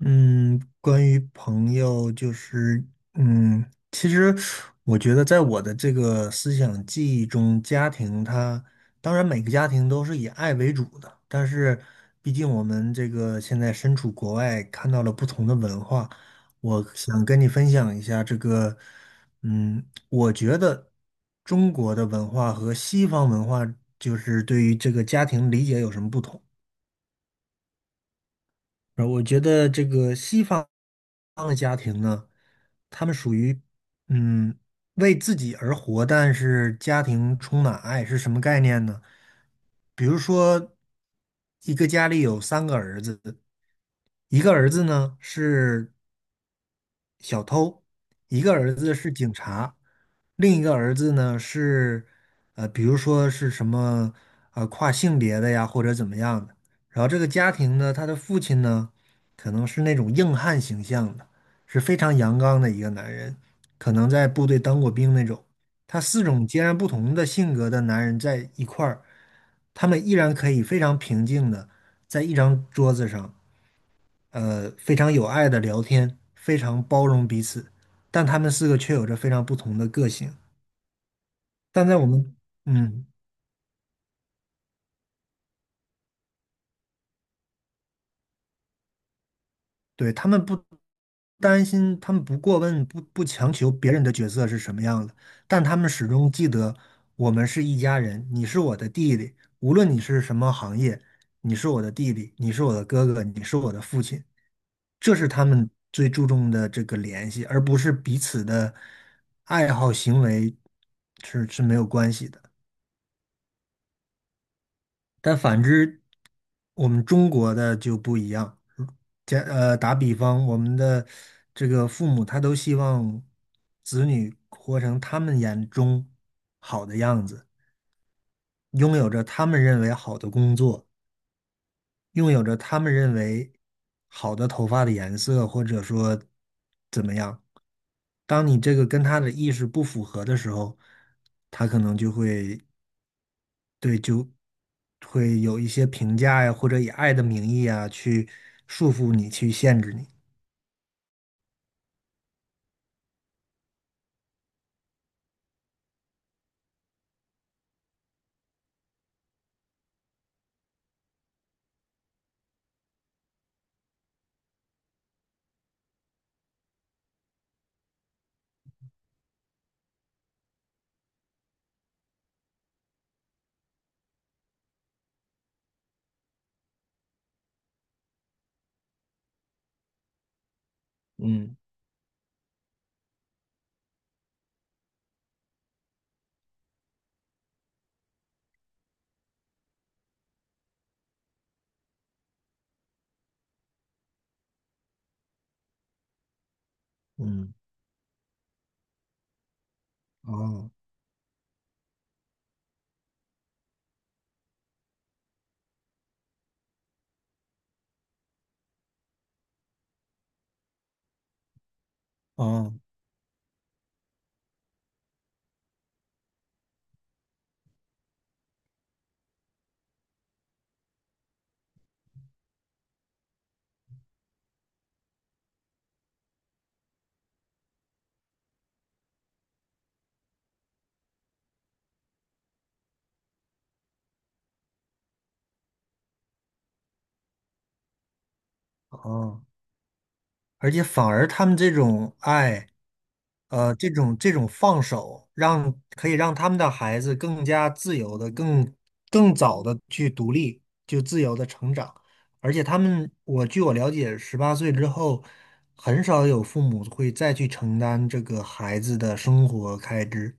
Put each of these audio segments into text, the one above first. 嗯，关于朋友，就是其实我觉得在我的这个思想记忆中，家庭它当然每个家庭都是以爱为主的，但是毕竟我们这个现在身处国外，看到了不同的文化，我想跟你分享一下这个，嗯，我觉得中国的文化和西方文化就是对于这个家庭理解有什么不同。然后我觉得这个西方的家庭呢，他们属于嗯为自己而活，但是家庭充满爱是什么概念呢？比如说，一个家里有3个儿子，一个儿子呢是小偷，一个儿子是警察，另一个儿子呢是，比如说是什么，跨性别的呀，或者怎么样的。然后这个家庭呢，他的父亲呢，可能是那种硬汉形象的，是非常阳刚的一个男人，可能在部队当过兵那种。他4种截然不同的性格的男人在一块儿，他们依然可以非常平静的在一张桌子上。非常有爱的聊天，非常包容彼此，但他们4个却有着非常不同的个性。但在我们，嗯，对，他们不担心，他们不过问，不强求别人的角色是什么样的，但他们始终记得我们是一家人，你是我的弟弟，无论你是什么行业，你是我的弟弟，你是我的哥哥，你是我的父亲，这是他们最注重的这个联系，而不是彼此的爱好行为是没有关系的。但反之，我们中国的就不一样。打比方，我们的这个父母他都希望子女活成他们眼中好的样子，拥有着他们认为好的工作，拥有着他们认为好的头发的颜色，或者说怎么样。当你这个跟他的意识不符合的时候，他可能就会有一些评价呀，或者以爱的名义啊，去束缚你，去限制你。嗯嗯，哦哦哦。而且反而他们这种爱，呃，这种放手，让可以让他们的孩子更加自由的、更早的去独立，就自由的成长。而且他们，我据我了解，十八岁之后，很少有父母会再去承担这个孩子的生活开支。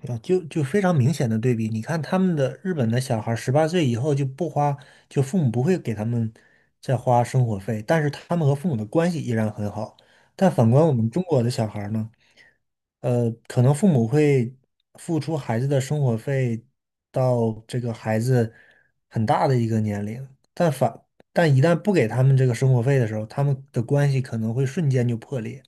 对啊，就非常明显的对比。你看他们的日本的小孩，十八岁以后就不花，就父母不会给他们再花生活费，但是他们和父母的关系依然很好。但反观我们中国的小孩儿呢，呃，可能父母会付出孩子的生活费到这个孩子很大的一个年龄，但反但一旦不给他们这个生活费的时候，他们的关系可能会瞬间就破裂。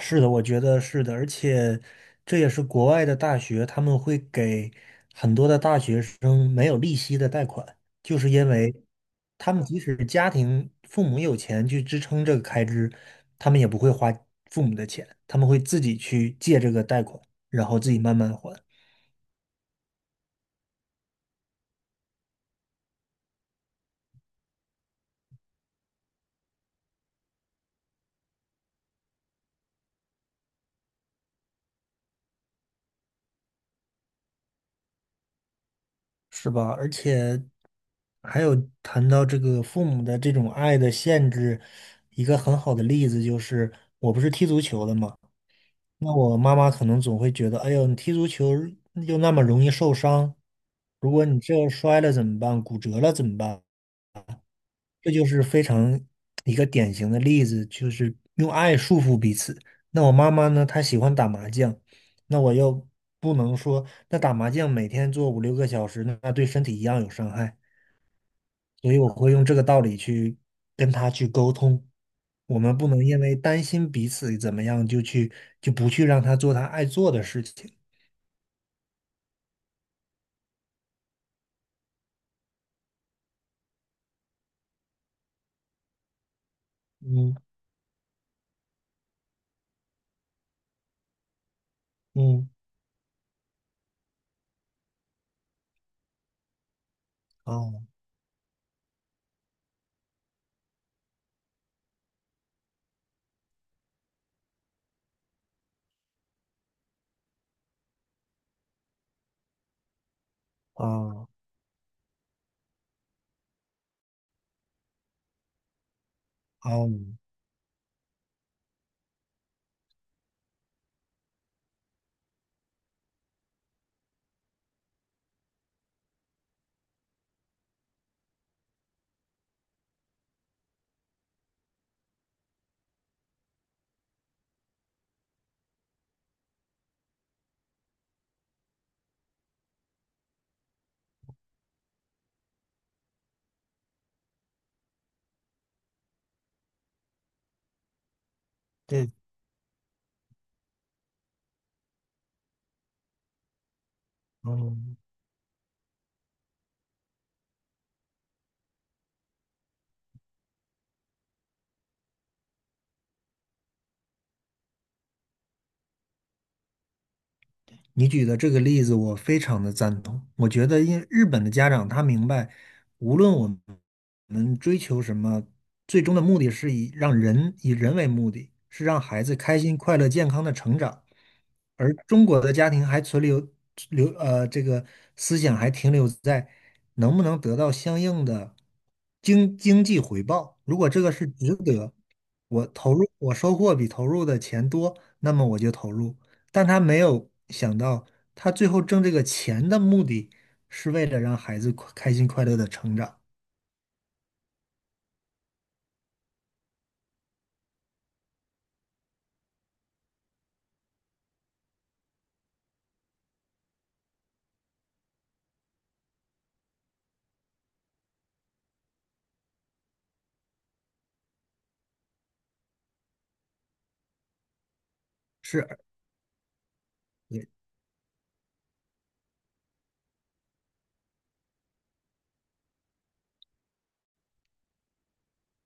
是的，我觉得是的，而且这也是国外的大学，他们会给很多的大学生没有利息的贷款，就是因为他们即使家庭父母有钱去支撑这个开支，他们也不会花父母的钱，他们会自己去借这个贷款，然后自己慢慢还，是吧？而且还有谈到这个父母的这种爱的限制，一个很好的例子就是，我不是踢足球的嘛。那我妈妈可能总会觉得，哎呦，你踢足球又那么容易受伤，如果你这摔了怎么办？骨折了怎么办？这就是非常一个典型的例子，就是用爱束缚彼此。那我妈妈呢，她喜欢打麻将，那我又不能说，那打麻将每天做五六个小时，那对身体一样有伤害，所以我会用这个道理去跟她去沟通。我们不能因为担心彼此怎么样，就去就不去让她做她爱做的事情。嗯嗯，哦哦哦，嗯对，嗯。你举的这个例子，我非常的赞同。我觉得，因日本的家长他明白，无论我们追求什么，最终的目的是以让人以人为目的，是让孩子开心、快乐、健康的成长。而中国的家庭还存留，这个思想还停留在能不能得到相应的经济回报。如果这个是值得，我投入我收获比投入的钱多，那么我就投入；但他没有想到，他最后挣这个钱的目的是为了让孩子快开心快乐的成长。是，也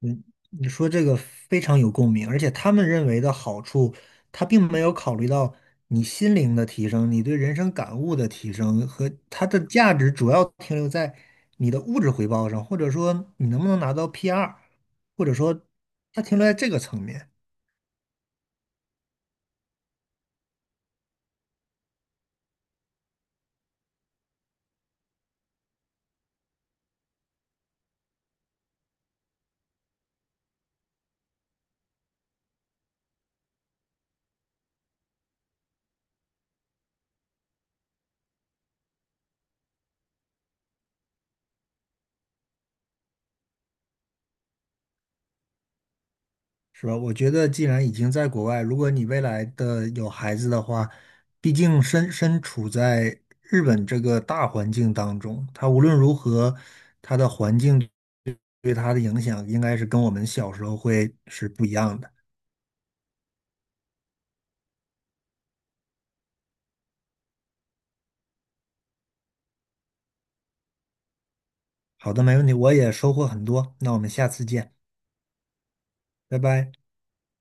嗯，你说这个非常有共鸣，而且他们认为的好处，他并没有考虑到你心灵的提升、你对人生感悟的提升和它的价值主要停留在你的物质回报上，或者说你能不能拿到 P2，或者说它停留在这个层面。是吧？我觉得既然已经在国外，如果你未来的有孩子的话，毕竟身处在日本这个大环境当中，他无论如何，他的环境对他的影响应该是跟我们小时候会是不一样的。好的，没问题，我也收获很多，那我们下次见，拜拜。